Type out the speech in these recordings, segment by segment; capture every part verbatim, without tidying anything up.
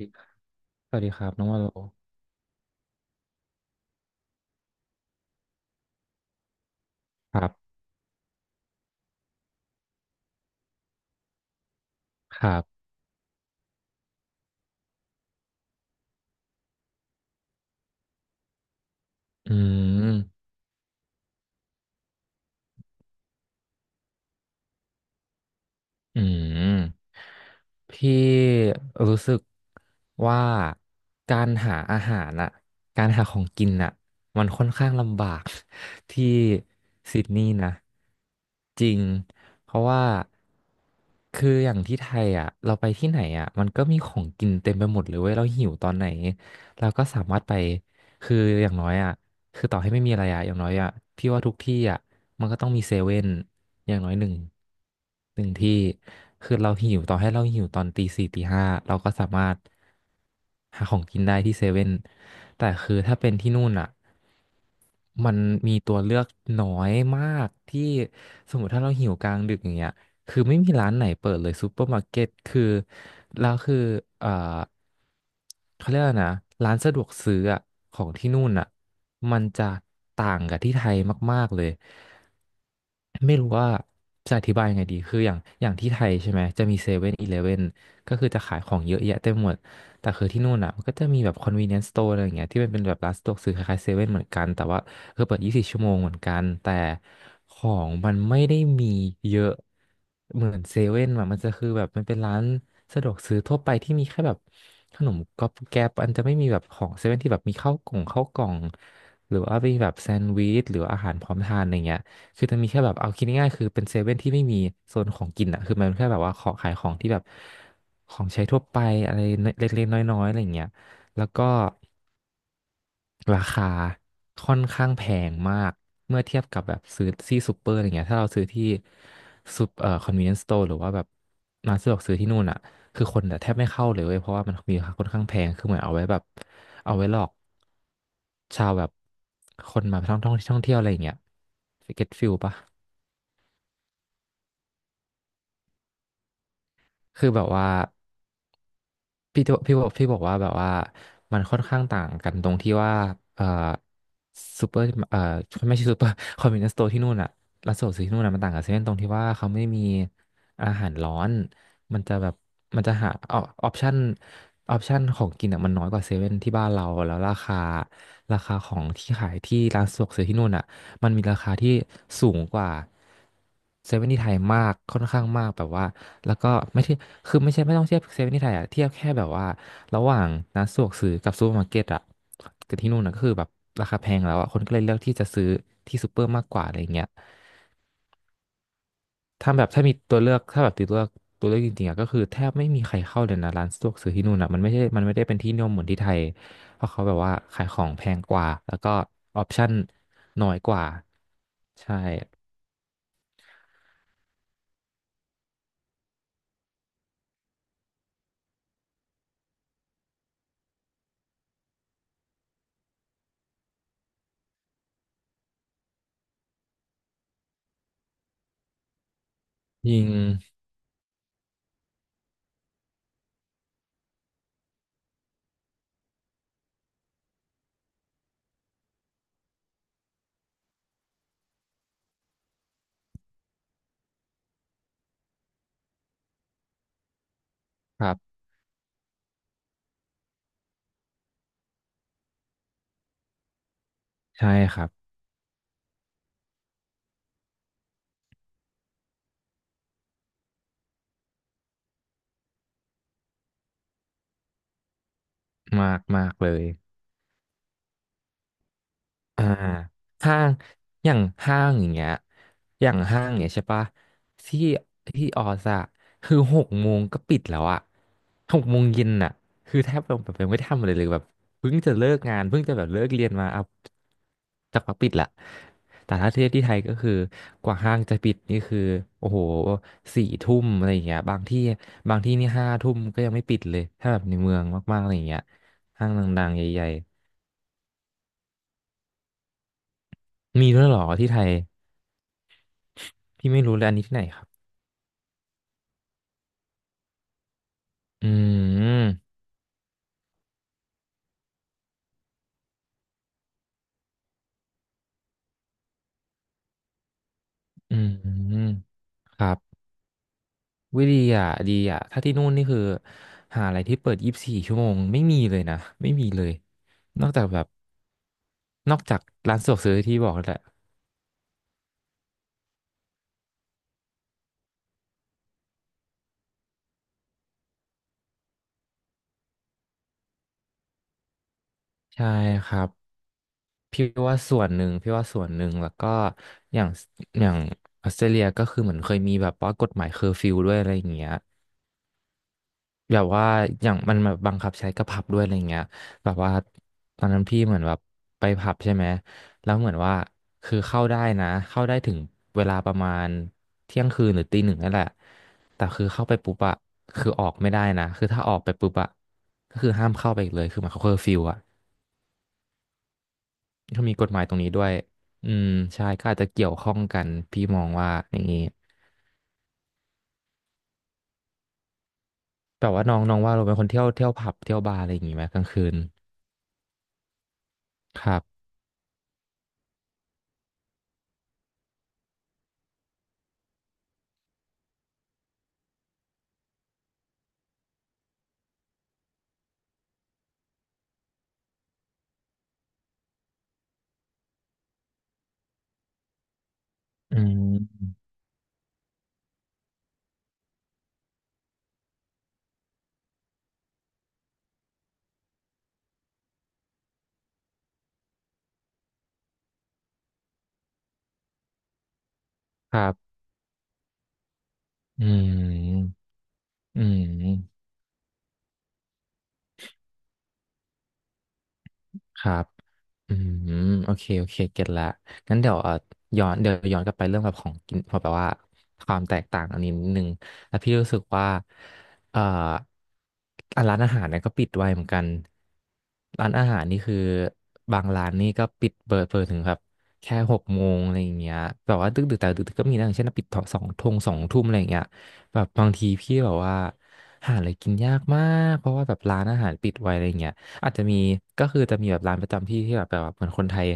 ดีสวัสดีครับน้องว่าโลครับครับอืมอืมพี่รู้สึกว่าการหาอาหารน่ะการหาของกินน่ะมันค่อนข้างลำบาก ที่ซิดนีย์นะจริงเพราะว่าคืออย่างที่ไทยอ่ะเราไปที่ไหนอ่ะมันก็มีของกินเต็มไปหมดเลยเว้ยเราหิวตอนไหนเราก็สามารถไปคืออย่างน้อยอ่ะ คือต่อให้ไม่มีอะไรอะอย่างน้อยอะพี่ว่าทุกที่อะมันก็ต้องมีเซเว่นอย่างน้อยหนึ่งหนึ่งที่คือเราหิวต่อให้เราหิวตอนตีสี่ตีห้าเราก็สามารถหาของกินได้ที่เซเว่นแต่คือถ้าเป็นที่นู่นอะมันมีตัวเลือกน้อยมากที่สมมติถ้าเราหิวกลางดึกอย่างเงี้ยคือไม่มีร้านไหนเปิดเลยซูเปอร์มาร์เก็ตคือแล้วคือเอ่อเขาเรียกว่านะร้านสะดวกซื้ออะของที่นู่นอ่ะ มันจะต่างกับที่ไทยมากๆเลย ไม่รู้ว่าจะอธิบายยังไงดี คืออย่างอย่างที่ไทยใช่ไหม จะมีเซเว่นอีเลฟเว่นก็คือจะขายของเยอะแยะเต็มหมด แต่คือที่นู่นอ่ะมันก็จะมีแบบ convenience store อะไรอย่างเงี้ยที่มันเป็นแบบร้านสะดวกซื้อคล้ายๆเซเว่นเหมือนกัน แต่ว่าคือเปิด ยี่สิบสี่ ชั่วโมงเหมือนกันแต่ของมันไม่ได้มีเยอะเหมือนเซเว่นอะมันจะคือแบบมันเป็นร้านสะดวกซื้อทั่วไปที่มีแค่แบบขนมก๊อบแก๊บอันจะไม่มีแบบของเซเว่นที่แบบมีข้าวกล่องข้าวกล่อง หรือว่าไปแบบแซนด์วิชหรือว่าอาหารพร้อมทานอะไรเงี้ยคือจะมีแค่แบบเอาคิดง่ายๆคือเป็นเซเว่นที่ไม่มีโซนของกินอ่ะคือมันแค่แบบว่าขอขายของที่แบบของใช้ทั่วไปอะไรเล็กๆน้อยๆอะไรเงี้ยแล้วก็ ราคาค่อนข้างแพงมากเมื่อเทียบกับแบบซื้อที่ซูเปอร์อะไรเงี้ยถ้าเราซื้อที่ซูเอ่อคอนเวเนซ์สโตร์หรือว่าแบบร้านสะดวกซื้อที่นู่นอ่ะคือคนแทบไม่เข้าเลยเว้ยเพราะว่ามันมีราคาค่อนข้างแพงคือเหมือนเอาไว้แบบเอาไว้หลอกชาวแบบคนมาท่องท่องท่องเที่ยวอะไรอย่างเงี้ยเก็ตฟิลปะคือแบบว่า พี่ตัวพี่บอกพี่บอกว่าแบบว่ามันค่อนข้างต่างกันตรงที่ว่าเอ่อซูเปอร์เอ่อไม่ใช่ซูเปอร์คอนเว n เน e s t ์โต ที่นู่นอะร้านสะดวกซื้อที่นู่นอะมันต่างกับเซเว่นตรงที่ว่าเขาไม่มีอาหารร้อนมันจะแบบมันจะหาออปชั่นออปชั่นของกินอะมันน้อยกว่าเซเว่นที่บ้านเราแล้วราคาราคาของที่ขายที่ร้านสะดวกซื้อที่นู่นอะ มันมีราคาที่สูงกว่าเซเว่นที่ไทยมากค่อนข้างมากแบบว่าแล้วก็ไม่ใช่คือไม่ใช่ไม่ต้องเทียบเซเว่นที่ไทยอะเทียบแค่แบบว่าระหว่างร้านสะดวกซื้อกับซูเปอร์มาร์เก็ตอะกับที่นู่นนะก็คือแบบราคาแพงแล้วอะคนก็เลยเลือกที่จะซื้อที่ซูเปอร์มากกว่าอะไรอย่างเงี้ยถ้าแบบถ้ามีตัวเลือกถ้าแบบติดตัวเลือกตัวเลือกจริงๆอะก็คือแทบไม่มีใครเข้าเลยนะร้านสะดวกซื้อที่นู่นอะมันไม่ใช่มันไม่ได้เป็นที่นิยมเหมือนที่ไทยเพราะเขาแบบว่าขายของแพงกว่าแล้วก็ออปชั่นน้อยกว่าใช่ ยิงครับใช่ครับมากมากเลย อ่าห้างอย่างห้างอย่างเงี้ยอย่างห้างอย่างเงี้ยใช่ปะที่ที่ออสอะคือหกโมงก็ปิดแล้วอะหกโมงเย็นอะคือแทบแบบแบบยังไม่ได้ทำอะไรเลยแบบเพิ่งจะเลิกงานเพิ่งจะแบบเลิกเรียนมาเอาจักักปิดละแต่ถ้าเทียบที่ไทยก็คือกว่าห้างจะปิดนี่คือโอ้โหสี่ทุ่มอะไรอย่างเงี้ยบางที่บางที่นี่ห้าทุ่มก็ยังไม่ปิดเลยถ้าแบบในเมืองมากๆอะไรอย่างเงี้ยห้างดังๆใหญ่ๆมีด้วยเหรอที่ไทย พี่ไม่รู้เลยอันนี้ที่ไหนครับ อืม อืมอืมครับ วิดีอ่ะดีอ่ะถ้าที่นู่นนี่คือหาอะไรที่เปิดยี่สิบสี่ชั่วโมงไม่มีเลยนะ ไม่มีเลย นอกจากแบบ นอกจากร้านสะดวกซื้อที่บอกนั่นแหละใช่ครับ พี่ว่าส่วนหนึ่ง พี่ว่าส่วนหนึ่ง แล้วก็อย่างอย่างออสเตรเลียก็คือเหมือนเคยมีแบบว่ากฎหมายเคอร์ฟิวด้วยอะไรอย่างเงี้ย แบบว่าอย่างมันแบบบังคับใช้กับผับด้วยอะไรเงี้ยแบบว่าตอนนั้นพี่เหมือนแบบไปผับใช่ไหมแล้วเหมือนว่าคือเข้าได้นะเข้าได้ถึงเวลาประมาณเที่ยงคืนหรือตีหนึ่งนั่นแหละแต่คือเข้าไปปุ๊บอะคือออกไม่ได้นะคือถ้าออกไปปุ๊บอะก็คือห้ามเข้าไปอีกเลยคือหมายความเคอร์ฟิวอะเขามีกฎหมายตรงนี้ด้วยอืมใช่ก็อาจจะเกี่ยวข้องกันพี่มองว่าอย่างนี้แบบว่าน้องน้องว่าเราเป็นคนเที่ยวเที่ยวผับเที่ยวบาร์อะไรอย่างงี้ไหมกลางคืนครับอืมครับ อืม อืม ครับ อืมโอเคโอเคเก็ตละงั้นเดี๋ยวเอ่อย้อนเดี๋ยวย้อนกลับไปเรื่องแบบของกินพอแบบว่าความแตกต่างอันนี้นิดนึงแล้วพี่รู้สึกว่าเอ่ออ่ะร้านอาหารเนี่ยก็ปิดไวเหมือนกันร้านอาหารนี่คือบางร้านนี่ก็ปิดเปิดเปิดถึงแบบแค่หกโมงอะไรอย่างเงี้ยแบบว่าดึกดึกแต่ดึกๆก็มีนะอย่างเช่นปิดสองทุ่มสองทุ่มอะไรอย่างเงี้ยแบบบางทีพี่แบบว่าหาอะไรกินยากมากเพราะว่าแบบร้านอาหารปิดไวอะไรเงี้ย อาจจะมีก็คือจะมีแบบร้านประจำที่ที่แบบแบบเหมือนคนไทย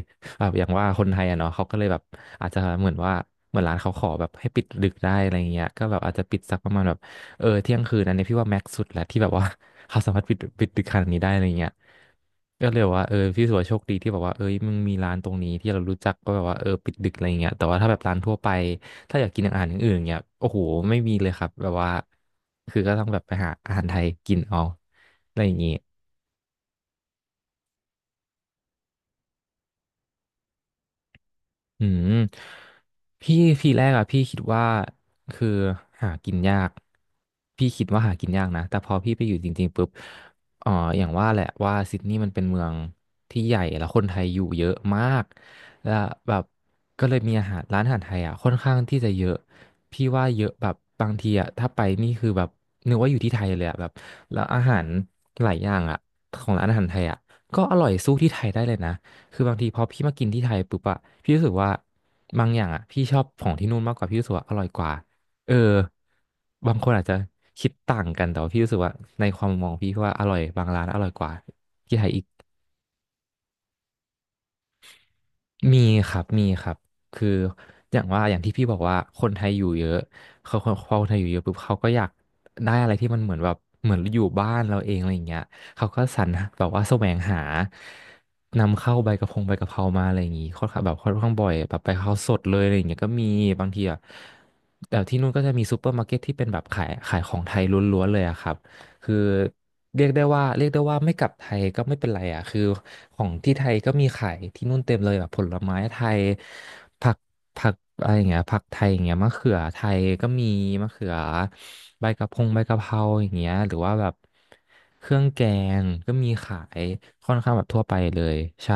แบบอย่างว่าคนไทยอ่ะเนาะเขาก็เลยแบบอาจจะเหมือนว่าเหมือนร้านเขาขอแบบให้ปิดดึกได้อะไรเงี้ยก็แบบอาจจะปิดสักประมาณแบบเออเที่ยงคืนอันนี้พี่ว่าแม็กซ์สุดแล้วที่แบบว่า เขาสามารถปิดปิดดึกขนาดนี้ได้อะไรเงี้ยก็เลยแบบว่าเออพี่สุวาโชคดีที่แบบว่าเอ้ยมึงมีร้านตรงนี้ที่เรารู้จักก็แบบว่าเออปิดดึกอะไรเงี้ยแต่ว่าถ้าแบบร้านทั่วไปถ้าอยากกินอาหารอย่างอื่นเงี้ยโอ้โหไม่มีเลยครับแบบว่าคือก็ต้องแบบไปหาอาหารไทยกินเอาอะไรอย่างงี้ อืมพี่ทีแรกอะพี่คิดว่าคือหากินยากพี่คิดว่าหากินยากนะแต่พอพี่ไปอยู่จริงๆปุ๊บเอ่ออย่างว่าแหละว่าซิดนีย์มันเป็นเมืองที่ใหญ่แล้วคนไทยอยู่เยอะมากแล้วแบบก็เลยมีอาหารร้านอาหารไทยอะค่อนข้างที่จะเยอะพี่ว่าเยอะแบบบางทีอะถ้าไปนี่คือแบบนึกว่าอยู่ที่ไทยเลยอะแบบแล้วอาหารหลายอย่างอะของร้านอาหารไทยอะก็อร่อยสู้ที่ไทยได้เลยนะ คือบางทีพอพี่มากินที่ไทยปุ๊บอะพี่รู้สึกว่าบางอย่างอะพี่ชอบของที่นู่นมากกว่าพี่รู้สึกว่าอร่อยกว่าเออบางคนอาจจะคิดต่างกันแต่ว่าพี่รู้สึกว่าในความมองพี่ว่าอร่อยบางร้านอร่อยกว่าที่ไทยอีก มีครับ มีครับ คืออย่างว่าอย่างที่พี่บอกว่าคนไทยอยู่เยอะเขาคนพอคนไทยอยู่เยอะปุ๊บเขาก็อยากได้อะไรที่มันเหมือนแบบเหมือนอยู่บ้านเราเองอะไรอย่างเงี้ยเขาก็สรรหาแบบว่าแสวงหานำเข้าใบกระพงใบกะเพรามาอะไรอย่างงี้ค่อนข้างแบบค่อนข้างบ่อยแบบไปเขราสดเลยอะไรอย่างเงี้ยก็มีบางทีอ่ะแต่ที่นู่นก็จะมีซูเปอร์มาร์เก็ตที่เป็นแบบขายขายของไทยล้วนๆเลยอะครับ คือเรียกได้ว่าเรียกได้ว่าไม่กลับไทยก็ไม่เป็นไรอ่ะคือของที่ไทยก็มีขายที่นู่นเต็มเลยแบบผลไม้ไทยผักผักอะไรอย่างเงี้ยผักไทยอย่างเงี้ยมะเขือไทยก็มีมะเขือใบกะเพรงใบกะเพราอย่างเงี้ยหรือว่าแบบเครื่องแกงก็มีขายค่อนข้างแบบทั่วไปเลยใช่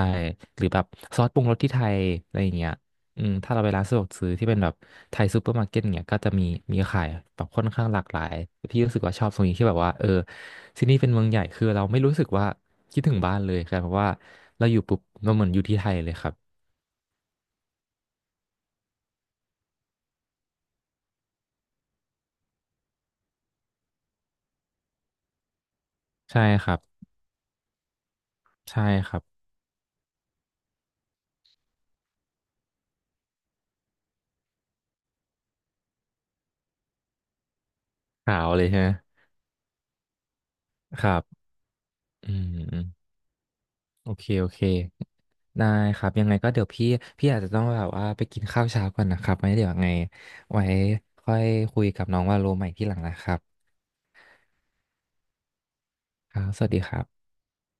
หรือแบบซอสปรุงรสที่ไทยอะไรอย่างเงี้ย อืมถ้าเราไปร้านสะดวกซื้อที่เป็นแบบไทยซูเปอร์มาร์เก็ตเนี่ยก็จะมีมีขายแบบค่อนข้างหลากหลายพี่รู้สึกว่าชอบตรงนี้ที่แบบว่าเออที่นี่เป็นเมืองใหญ่คือเราไม่รู้สึกว่าคิดถึงบ้านเลยครับเพราะว่าเราอยู่ปุ๊บเราเหมือนอยู่ที่ไทยเลยครับใช่ครับใช่ครับขาวเลยใช่ไหมครับอืมอืมโอเคโอเคได้ครับยังไงก็เดี๋ยวพี่พี่อาจจะต้องแบบว่าไปกินข้าวเช้าก่อนนะครับไว้เดี๋ยวยังไงไว้ค่อยคุยกับน้องว่าโลใหม่ที่หลังนะครับครับสวัสดีครับ